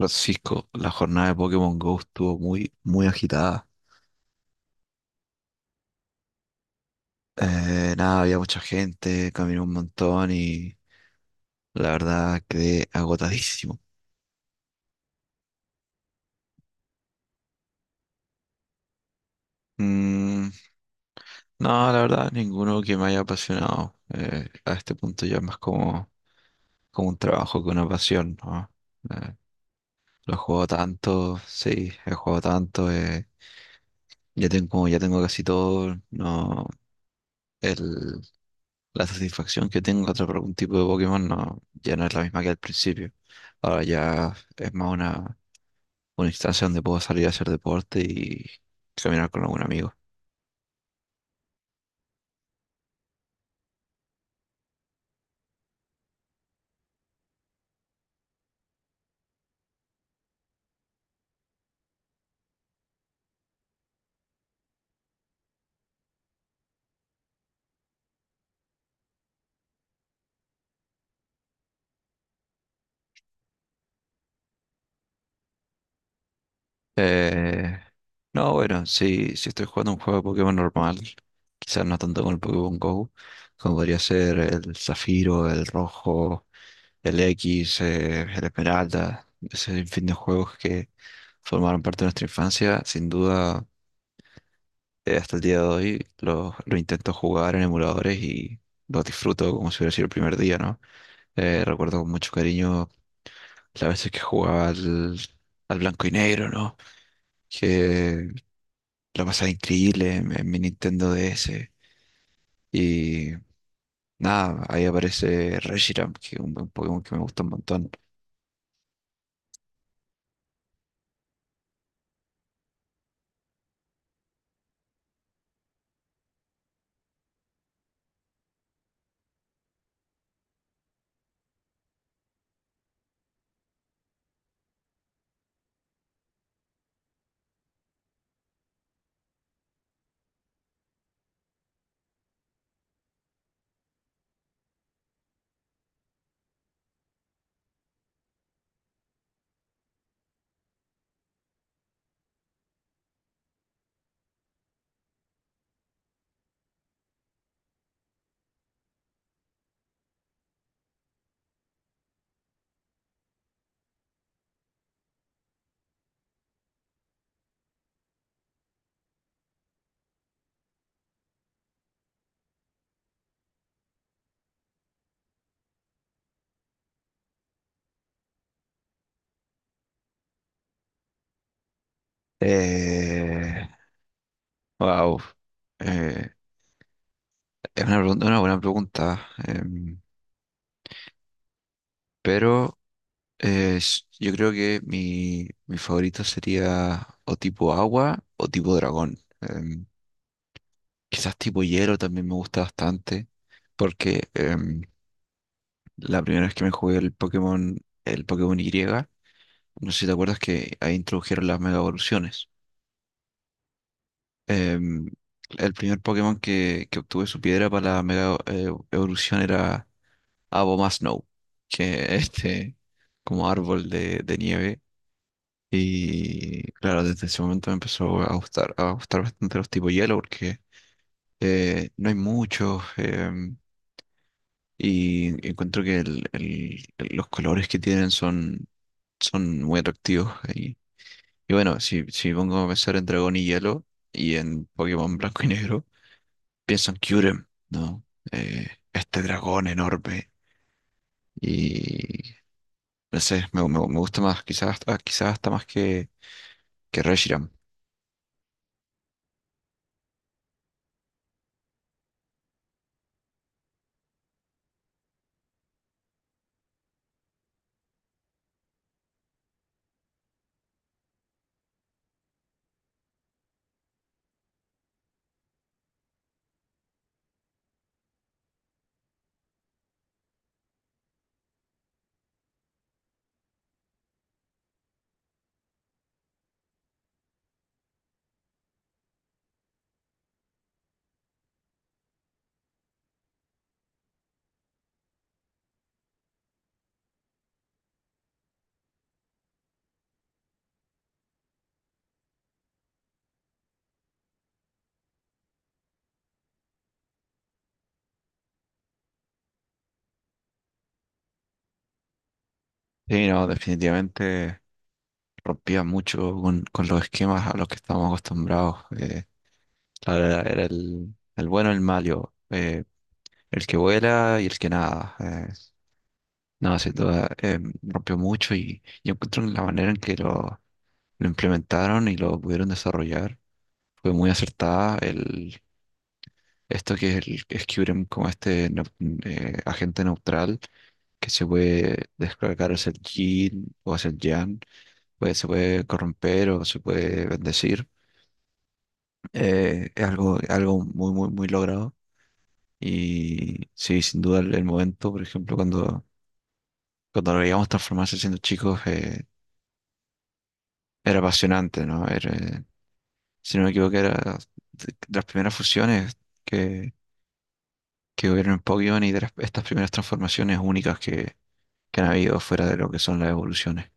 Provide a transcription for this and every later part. Francisco, la jornada de Pokémon Go estuvo muy, muy agitada. Nada, había mucha gente, caminé un montón y la verdad quedé agotadísimo. Mm, no, la verdad, ninguno que me haya apasionado. A este punto ya es más como un trabajo que una pasión, ¿no? Eh, lo he jugado tanto, sí, he jugado tanto, ya tengo casi todo, no. el, la satisfacción que tengo a atrapar algún tipo de Pokémon no, ya no es la misma que al principio. Ahora ya es más una instancia donde puedo salir a hacer deporte y caminar con algún amigo. Eh, no, bueno, si estoy jugando un juego de Pokémon normal, quizás no tanto con el Pokémon Go, como podría ser el Zafiro, el Rojo, el X, el Esmeralda, ese fin de juegos que formaron parte de nuestra infancia, sin duda, hasta el día de hoy lo intento jugar en emuladores y lo disfruto como si hubiera sido el primer día, ¿no? Recuerdo con mucho cariño las veces que jugaba al blanco y negro, ¿no? Que la pasaba increíble en mi Nintendo DS. Y nada, ahí aparece Reshiram, que es un Pokémon que me gusta un montón. Eh, wow. Eh, es una buena pregunta. Pero, yo creo que mi favorito sería o tipo agua o tipo dragón. Quizás tipo hielo también me gusta bastante, porque la primera vez que me jugué el Pokémon, Y, no sé si te acuerdas que ahí introdujeron las mega evoluciones. Em, el primer Pokémon que obtuve su piedra para la mega evolución era Abomasnow, que es este como árbol de nieve. Y claro, desde ese momento me empezó a gustar bastante los tipos hielo porque no hay muchos, y encuentro que los colores que tienen son muy atractivos. Y bueno, si pongo a pensar en Dragón y Hielo y en Pokémon Blanco y Negro, pienso en Kyurem, ¿no? Eh, este dragón enorme. Y no sé, me gusta más, quizás, quizás hasta más que Reshiram. Sí, no, definitivamente rompía mucho con los esquemas a los que estábamos acostumbrados. La verdad, era el bueno, el malo, el que vuela y el que nada. No, sin duda, rompió mucho y yo encuentro en la manera en que lo implementaron y lo pudieron desarrollar. Fue muy acertada esto que es el Skyrim como este agente neutral que se puede descargar hacia el Jin o hacia el Yang pues, se puede corromper o se puede bendecir. Es algo muy, muy, muy logrado. Y sí, sin duda el momento, por ejemplo, cuando lo veíamos transformarse siendo chicos, era apasionante, ¿no? Era, si no me equivoco, era de las primeras fusiones que, que hubieron en Pokémon y estas primeras transformaciones únicas que han habido fuera de lo que son las evoluciones.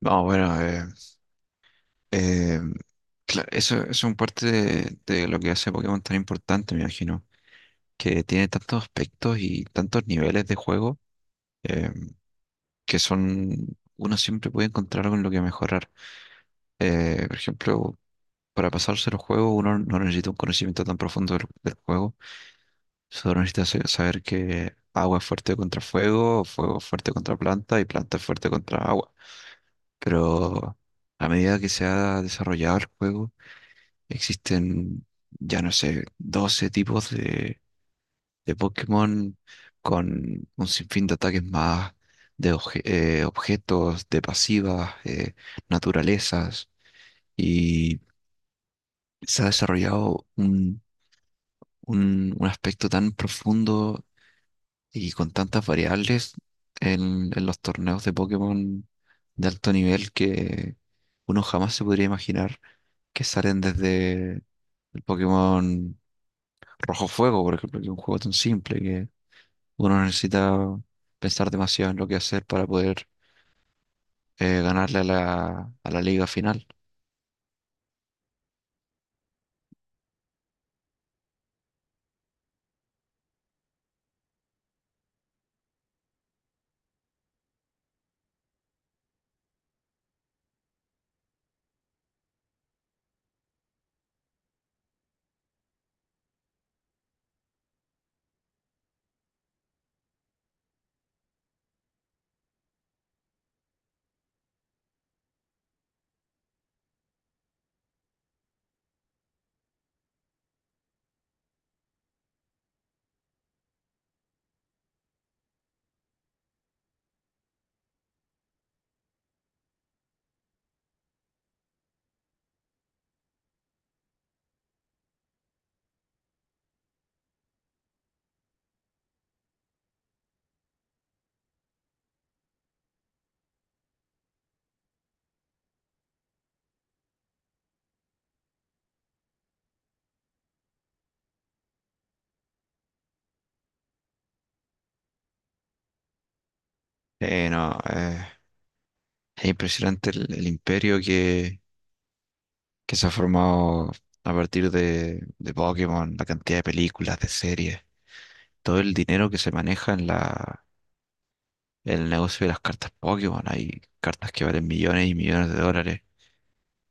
No, bueno, eh, Claro, eso es un parte de lo que hace Pokémon tan importante, me imagino. Que tiene tantos aspectos y tantos niveles de juego, eh, que son, uno siempre puede encontrar algo en lo que mejorar. Por ejemplo, para pasarse los juegos uno no necesita un conocimiento tan profundo del juego, solo necesita saber que agua es fuerte contra fuego, fuego es fuerte contra planta y planta es fuerte contra agua. Pero a medida que se ha desarrollado el juego, existen, ya no sé, 12 tipos de Pokémon con un sinfín de ataques más, objetos, de pasivas, naturalezas, y se ha desarrollado un aspecto tan profundo y con tantas variables en los torneos de Pokémon de alto nivel que uno jamás se podría imaginar que salen desde el Pokémon Rojo Fuego, por ejemplo, que es un juego tan simple. Uno necesita pensar demasiado en lo que hacer para poder ganarle a la liga final. No, es impresionante el imperio que se ha formado a partir de Pokémon, la cantidad de películas, de series, todo el dinero que se maneja en el negocio de las cartas Pokémon. Hay cartas que valen millones y millones de dólares.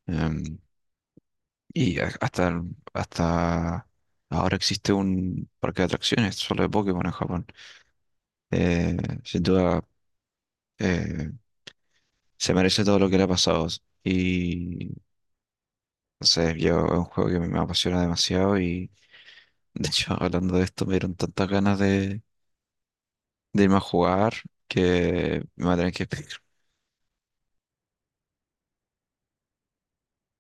Em, y hasta ahora existe un parque de atracciones solo de Pokémon en Japón. Eh, Sin duda. Eh, Se merece todo lo que le ha pasado. Y no sé, yo es un juego que me apasiona demasiado y de hecho hablando de esto me dieron tantas ganas de irme a jugar que me va a tener que pedir.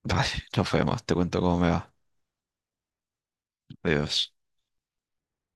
Vale, nos vemos, te cuento cómo me va. Adiós.